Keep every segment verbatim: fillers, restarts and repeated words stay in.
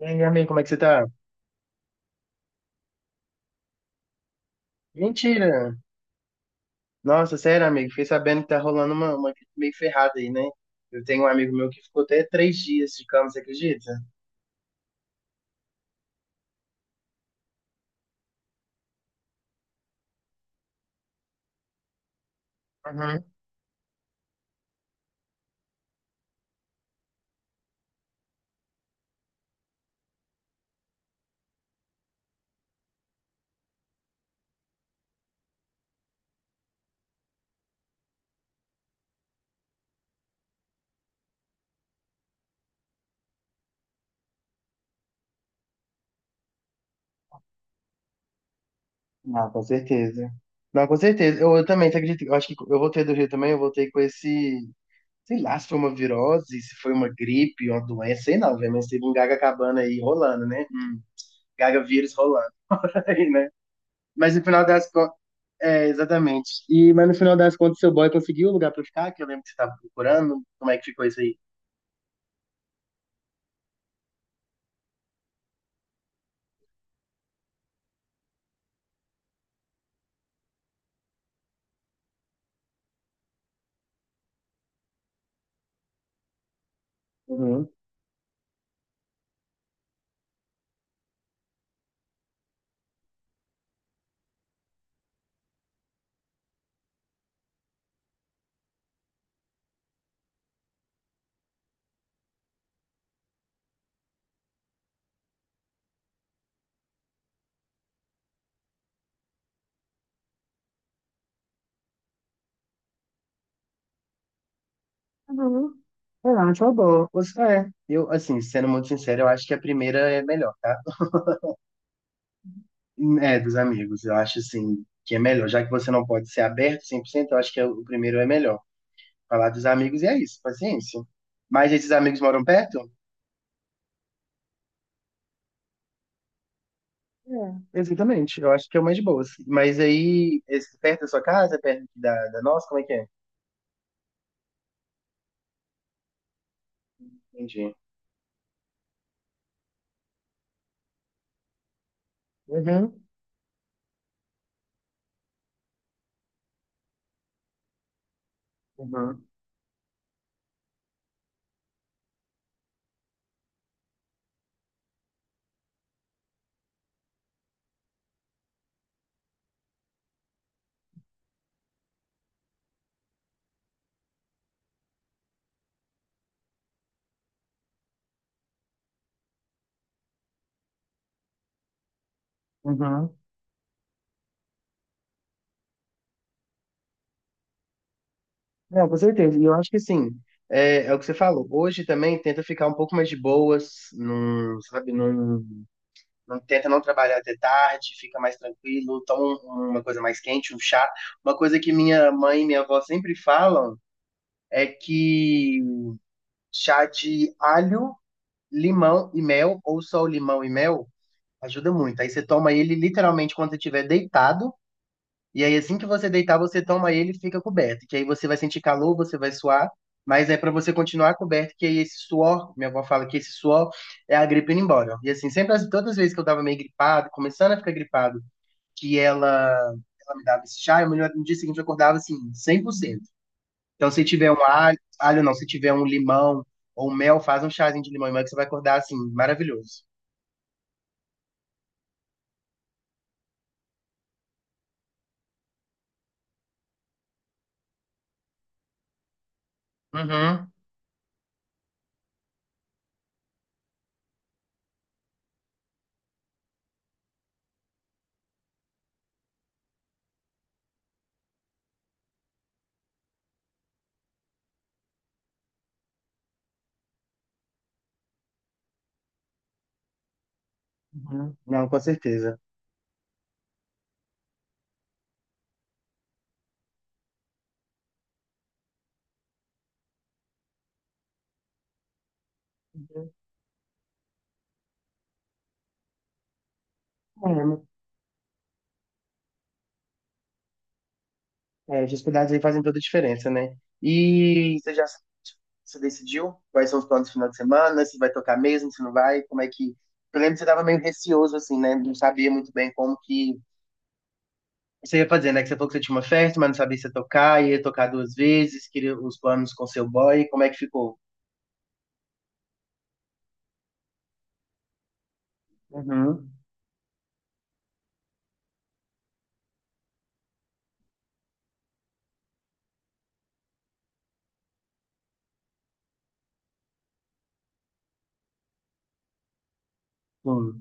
E aí, amigo, como é que você tá? Mentira! Nossa, sério, amigo, fiquei sabendo que tá rolando uma, uma gripe meio ferrada aí, né? Eu tenho um amigo meu que ficou até três dias de cama, você acredita? Uhum. Não, com certeza. Não, com certeza. Eu, eu também, você acredita? Eu acho que eu voltei do Rio também, eu voltei com esse... Sei lá se foi uma virose, se foi uma gripe, uma doença, sei não, velho, mas teve um gaga cabana aí rolando, né? Gaga vírus rolando aí, né? Mas no final das, é, exatamente. E, mas no final das contas, seu boy conseguiu o lugar pra ficar, que eu lembro que você tava procurando. Como é que ficou isso aí? Uhum. Uhum. Eu acho uma boa. Você, é, eu, assim, sendo muito sincero, eu acho que a primeira é melhor, tá? É, dos amigos, eu acho, assim, que é melhor. Já que você não pode ser aberto cem por cento. eu acho que é- o primeiro é melhor. Falar dos amigos e é isso, paciência. Mas esses amigos moram perto? É, exatamente, eu acho que é o mais de boas. Mas aí, esse, perto da sua casa, perto da, da nossa, como é que é? Entendi. Uhum. Uhum. Uhum. Não, com certeza. E eu acho que sim. É, é o que você falou. Hoje também tenta ficar um pouco mais de boas, não, sabe, não, não tenta não trabalhar até tarde, fica mais tranquilo, toma um- uma coisa mais quente, um chá. Uma coisa que minha mãe e minha avó sempre falam é que chá de alho, limão e mel, ou só o limão e mel, ajuda muito. Aí você toma ele literalmente quando você estiver deitado. E aí, assim que você deitar, você toma ele e fica coberto. Que aí você vai sentir calor, você vai suar, mas é para você continuar coberto, que aí esse suor, minha avó fala que esse suor é a gripe indo embora. E assim, sempre, as- todas as vezes que eu tava meio gripado, começando a ficar gripado, que ela, ela me dava esse chá, eu, no dia seguinte eu acordava assim, cem por cento. Então, se tiver um alho, alho não, se tiver um limão ou mel, faz um chazinho de limão e mel que você vai acordar assim, maravilhoso. Uhum. Uhum. Não, com certeza. É, É, os cuidados aí fazem toda a diferença, né? E você já você decidiu quais são os planos do final de semana, se vai tocar mesmo, se não vai, como é que... Eu lembro que você tava meio receoso, assim, né? Não sabia muito bem como que você ia fazer, né? Que você falou que você tinha uma festa, mas não sabia se ia tocar, ia tocar duas vezes, queria os planos com seu boy, como é que ficou? Uhum. Bom,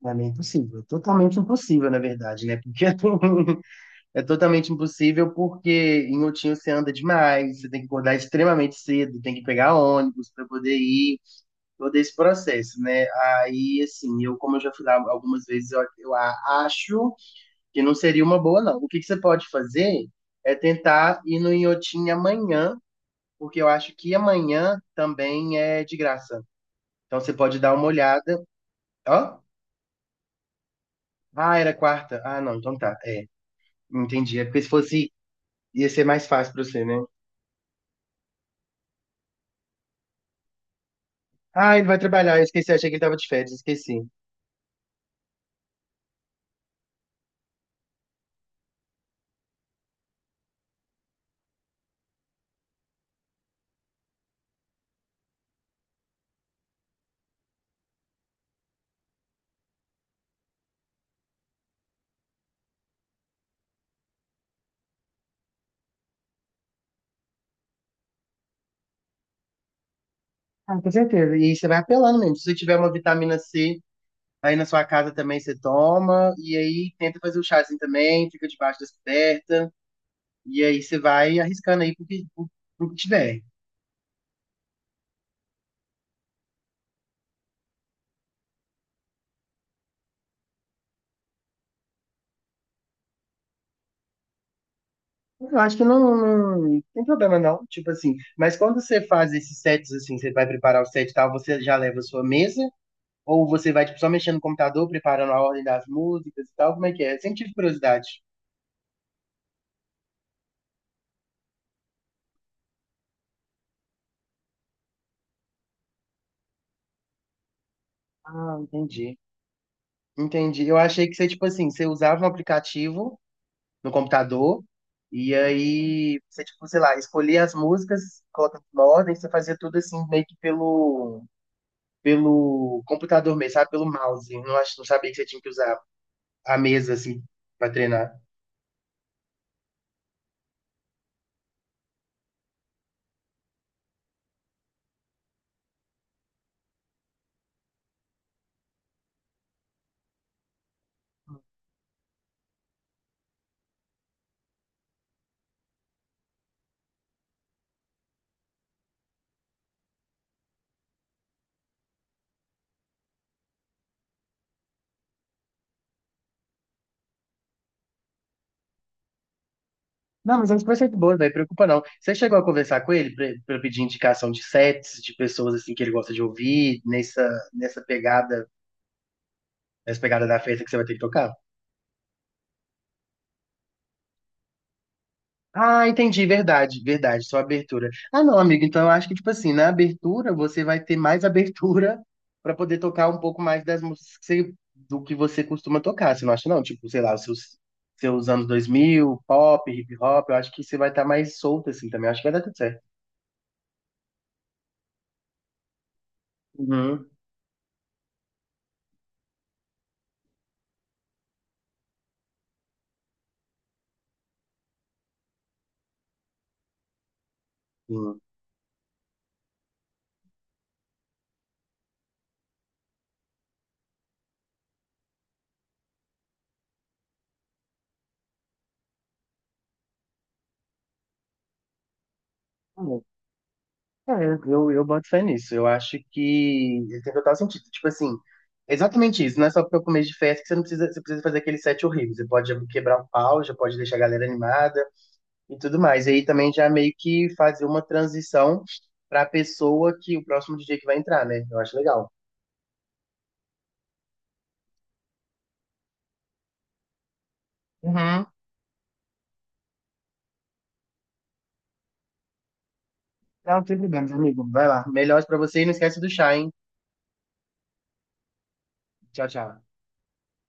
pra mim é impossível, totalmente impossível, na verdade, né? Porque é totalmente impossível porque em Outinho você anda demais, você tem que acordar extremamente cedo, tem que pegar ônibus para poder ir, todo esse processo, né? Aí, assim, eu, como eu já fui lá algumas vezes, eu, eu a- acho que não seria uma boa, não. O que que você pode fazer é tentar ir no Inhotim amanhã, porque eu acho que amanhã também é de graça. Então você pode dar uma olhada. Ó, ah, era quarta. Ah, não, então tá. É, entendi. É porque se fosse, ia ser mais fácil para você, né? Ah, ele vai trabalhar. Eu esqueci, achei que ele tava de férias, esqueci. Ah, com certeza. E você vai apelando mesmo. Se você tiver uma vitamina C aí na sua casa também, você toma. E aí tenta fazer o chazinho também, fica debaixo das cobertas. E aí você vai arriscando aí pro que, pro, pro que tiver. Eu acho que não, não, tem problema não, tipo assim. Mas quando você faz esses sets assim, você vai preparar o set e tal, você já leva a sua mesa? Ou você vai tipo, só mexendo no computador, preparando a ordem das músicas e tal? Como é que é? Sempre tive curiosidade. Ah, entendi. Entendi. Eu achei que você, tipo assim, você usava um aplicativo no computador e aí você, tipo, sei lá, escolhia as músicas, colocava na ordem, você fazia tudo assim, meio que pelo, pelo computador mesmo, sabe? Pelo mouse. Eu Não, ach- não sabia que você tinha que usar a mesa, assim, pra treinar. Não, mas é um conceito bom, não preocupa não. Você chegou a conversar com ele pra pra pedir indicação de sets, de pessoas, assim, que ele gosta de ouvir, nessa, nessa pegada, nessa pegada da festa que você vai ter que tocar? Ah, entendi, verdade, verdade, só abertura. Ah, não, amigo, então eu acho que, tipo assim, na abertura você vai ter mais abertura pra poder tocar um pouco mais das músicas que você- do que você costuma tocar, você não acha, não? Tipo, sei lá, os seus, seus anos dois mil, pop, hip hop, eu acho que você vai estar mais solto, assim, também, eu acho que vai dar tudo certo. Uhum. Sim. É, eu, eu eu boto fé nisso. Eu acho que ele tem total sentido. Tipo assim, exatamente isso. Não é só porque é o começo de festa que você não precisa, você precisa fazer aquele set horrível. Você pode já quebrar um pau, já pode deixar a galera animada e tudo mais. E aí também já meio que fazer uma transição pra pessoa que o próximo D J que vai entrar, né? Eu acho legal. Uhum. Não, sem problemas, amigo. Vai lá. Melhores pra você e não esquece do chá, hein? Tchau, tchau.